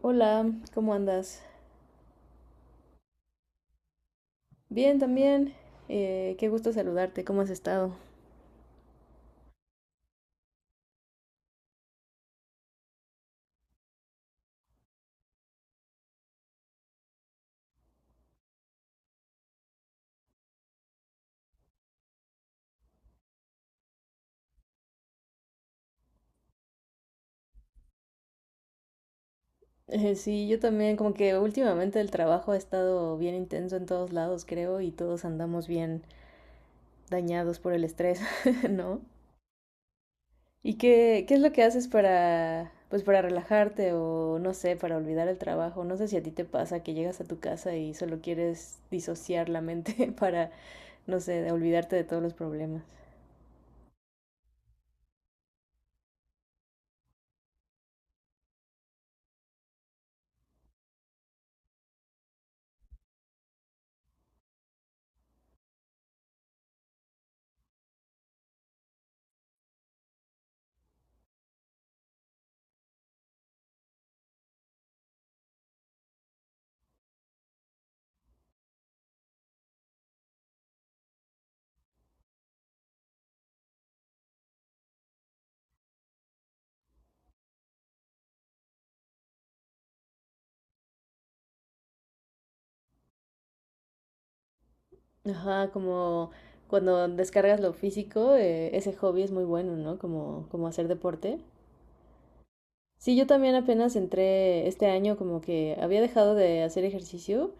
Hola, ¿cómo andas? Bien, también. Qué gusto saludarte, ¿cómo has estado? Sí, yo también, como que últimamente el trabajo ha estado bien intenso en todos lados, creo, y todos andamos bien dañados por el estrés, ¿no? ¿Y qué es lo que haces para, pues, para relajarte o, no sé, para olvidar el trabajo? No sé si a ti te pasa que llegas a tu casa y solo quieres disociar la mente para, no sé, olvidarte de todos los problemas. Ajá, como cuando descargas lo físico, ese hobby es muy bueno, ¿no? Como hacer deporte. Sí, yo también apenas entré este año, como que había dejado de hacer ejercicio,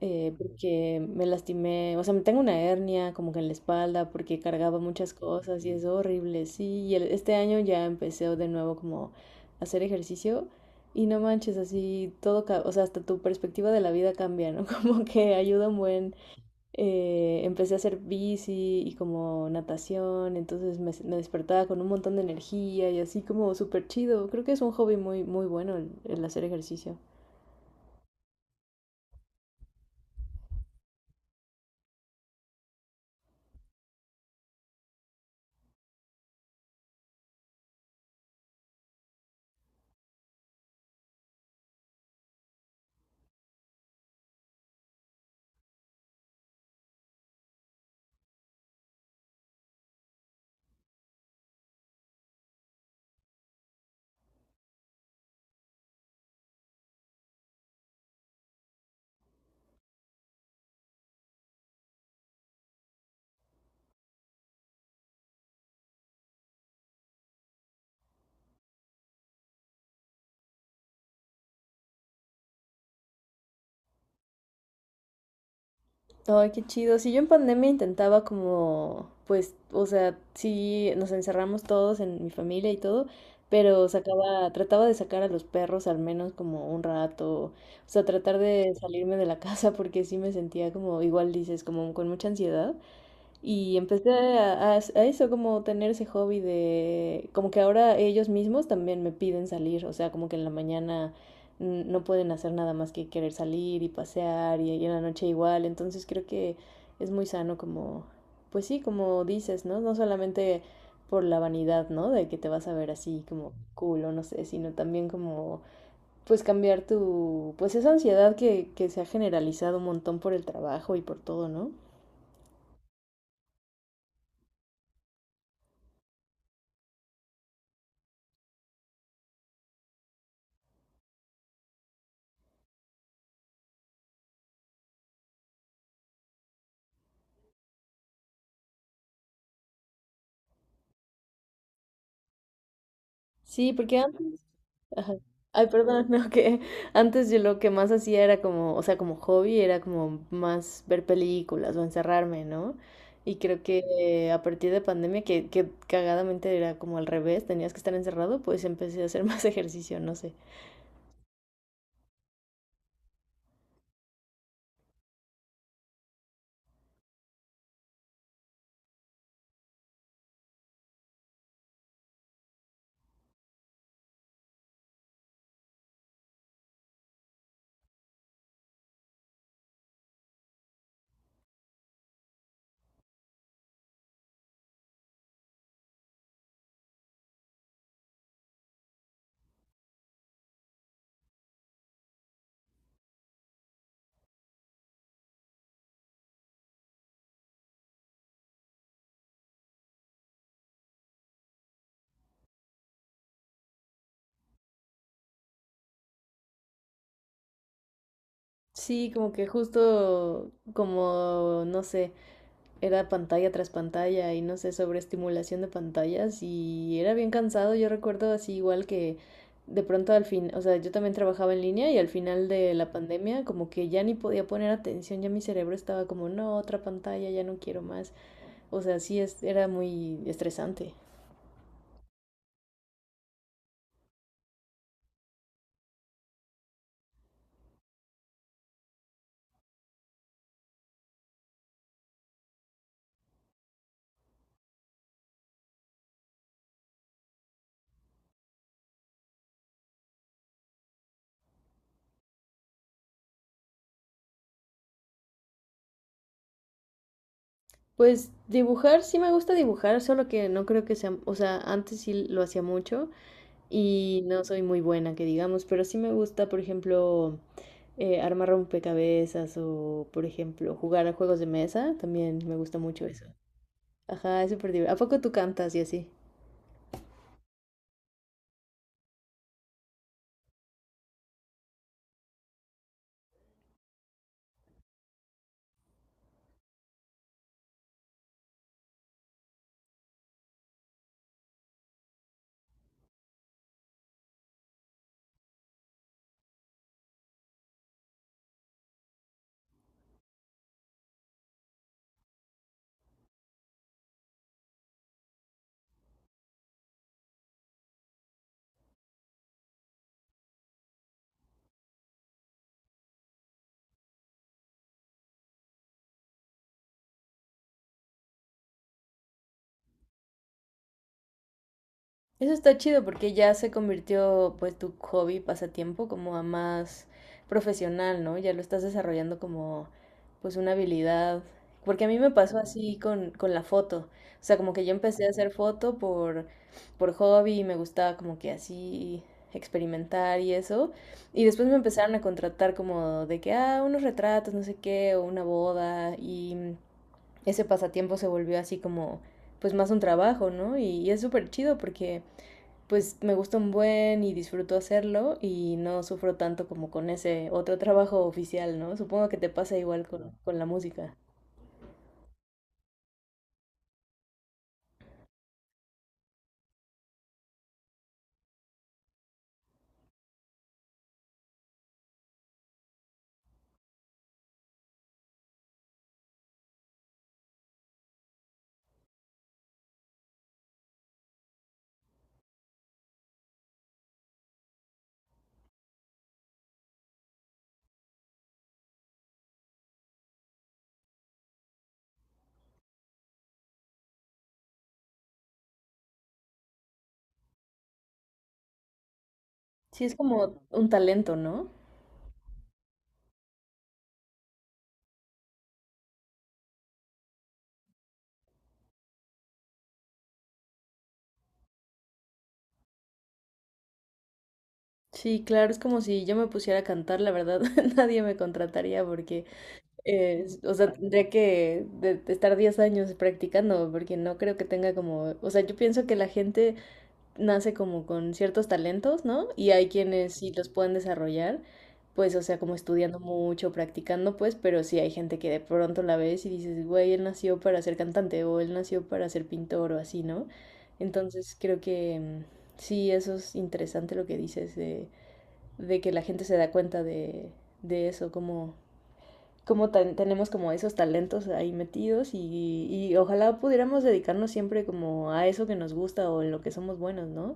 porque me lastimé, o sea, me tengo una hernia como que en la espalda porque cargaba muchas cosas y es horrible, sí. Y este año ya empecé de nuevo como a hacer ejercicio y no manches, así todo, o sea, hasta tu perspectiva de la vida cambia, ¿no? Como que ayuda un buen. Empecé a hacer bici y como natación, entonces me despertaba con un montón de energía y así como súper chido. Creo que es un hobby muy, muy bueno el hacer ejercicio. Ay, qué chido. Si yo en pandemia intentaba como, pues, o sea, sí, nos encerramos todos en mi familia y todo, pero trataba de sacar a los perros al menos como un rato, o sea, tratar de salirme de la casa porque sí me sentía como, igual dices, como con mucha ansiedad. Y empecé a eso, como tener ese hobby de, como que ahora ellos mismos también me piden salir, o sea, como que en la mañana no pueden hacer nada más que querer salir y pasear y en la noche igual, entonces creo que es muy sano como, pues sí, como dices, ¿no? No solamente por la vanidad, ¿no? De que te vas a ver así como cool o no sé, sino también como, pues cambiar tu, pues esa ansiedad que se ha generalizado un montón por el trabajo y por todo, ¿no? Sí, porque antes… Ajá. Ay, perdón, no, que antes yo lo que más hacía era como, o sea, como hobby, era como más ver películas o encerrarme, ¿no? Y creo que, a partir de pandemia, que cagadamente era como al revés, tenías que estar encerrado, pues empecé a hacer más ejercicio, no sé. Sí, como que justo como, no sé, era pantalla tras pantalla y no sé, sobre estimulación de pantallas y era bien cansado, yo recuerdo así igual que de pronto al fin, o sea, yo también trabajaba en línea y al final de la pandemia como que ya ni podía poner atención, ya mi cerebro estaba como, no, otra pantalla, ya no quiero más, o sea, sí era muy estresante. Pues dibujar, sí me gusta dibujar, solo que no creo que sea, o sea, antes sí lo hacía mucho y no soy muy buena, que digamos, pero sí me gusta, por ejemplo, armar rompecabezas o, por ejemplo, jugar a juegos de mesa, también me gusta mucho eso. Ajá, es súper divertido. ¿A poco tú cantas y así? Eso está chido porque ya se convirtió pues tu hobby, pasatiempo, como a más profesional, ¿no? Ya lo estás desarrollando como pues una habilidad. Porque a mí me pasó así con la foto. O sea, como que yo empecé a hacer foto por hobby y me gustaba como que así experimentar y eso. Y después me empezaron a contratar como de que, ah, unos retratos, no sé qué, o una boda. Y ese pasatiempo se volvió así como pues más un trabajo, ¿no? Y es súper chido porque pues me gusta un buen y disfruto hacerlo y no sufro tanto como con ese otro trabajo oficial, ¿no? Supongo que te pasa igual con la música. Sí, es como un talento, ¿no? Sí, claro, es como si yo me pusiera a cantar, la verdad, nadie me contrataría porque, o sea, tendría que de estar 10 años practicando porque no creo que tenga como, o sea, yo pienso que la gente nace como con ciertos talentos, ¿no? Y hay quienes sí los pueden desarrollar, pues, o sea, como estudiando mucho, practicando, pues, pero sí hay gente que de pronto la ves y dices, güey, él nació para ser cantante o él nació para ser pintor o así, ¿no? Entonces creo que, sí, eso es interesante lo que dices de que la gente se da cuenta de eso, como, como tenemos como esos talentos ahí metidos y ojalá pudiéramos dedicarnos siempre como a eso que nos gusta o en lo que somos buenos, ¿no?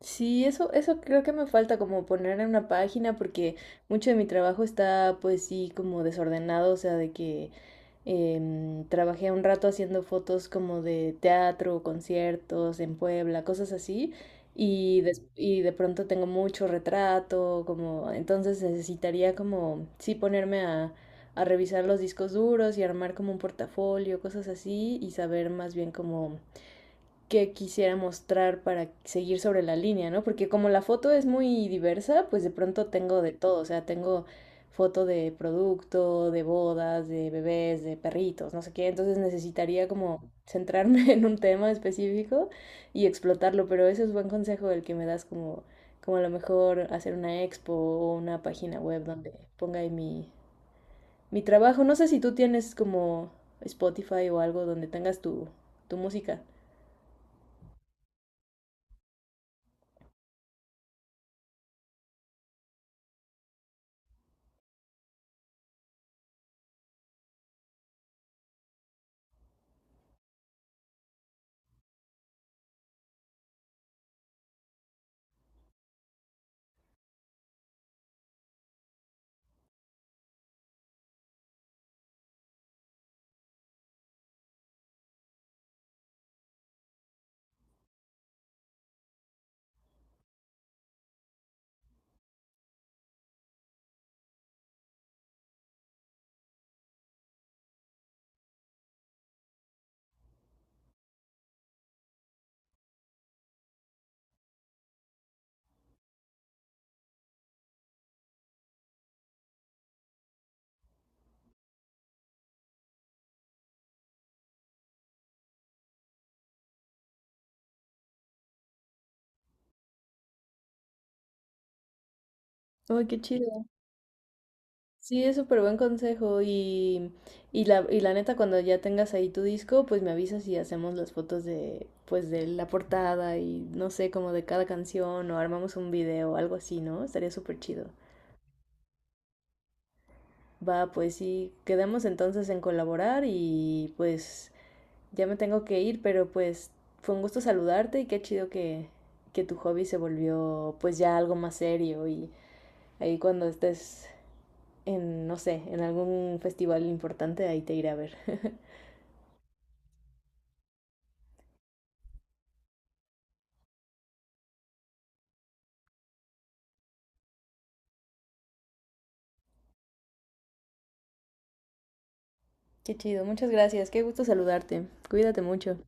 Sí, eso creo que me falta como poner en una página porque mucho de mi trabajo está pues sí como desordenado, o sea, de que trabajé un rato haciendo fotos como de teatro, conciertos en Puebla, cosas así, y de pronto tengo mucho retrato, como entonces necesitaría como sí ponerme a revisar los discos duros y armar como un portafolio, cosas así, y saber más bien como que quisiera mostrar para seguir sobre la línea, ¿no? Porque como la foto es muy diversa, pues de pronto tengo de todo, o sea, tengo foto de producto, de bodas, de bebés, de perritos, no sé qué, entonces necesitaría como centrarme en un tema específico y explotarlo, pero ese es buen consejo el que me das como, como a lo mejor hacer una expo o una página web donde ponga ahí mi, mi trabajo. No sé si tú tienes como Spotify o algo donde tengas tu, tu música. Oh, qué chido. Sí, es súper buen consejo y la neta cuando ya tengas ahí tu disco, pues me avisas y hacemos las fotos pues de la portada y no sé, como de cada canción o armamos un video o algo así, ¿no? Estaría súper chido. Va, pues sí, quedamos entonces en colaborar y pues ya me tengo que ir, pero pues fue un gusto saludarte y qué chido que tu hobby se volvió pues ya algo más serio y ahí cuando estés en, no sé, en algún festival importante, ahí te iré a ver. Qué chido, muchas gracias, qué gusto saludarte. Cuídate mucho.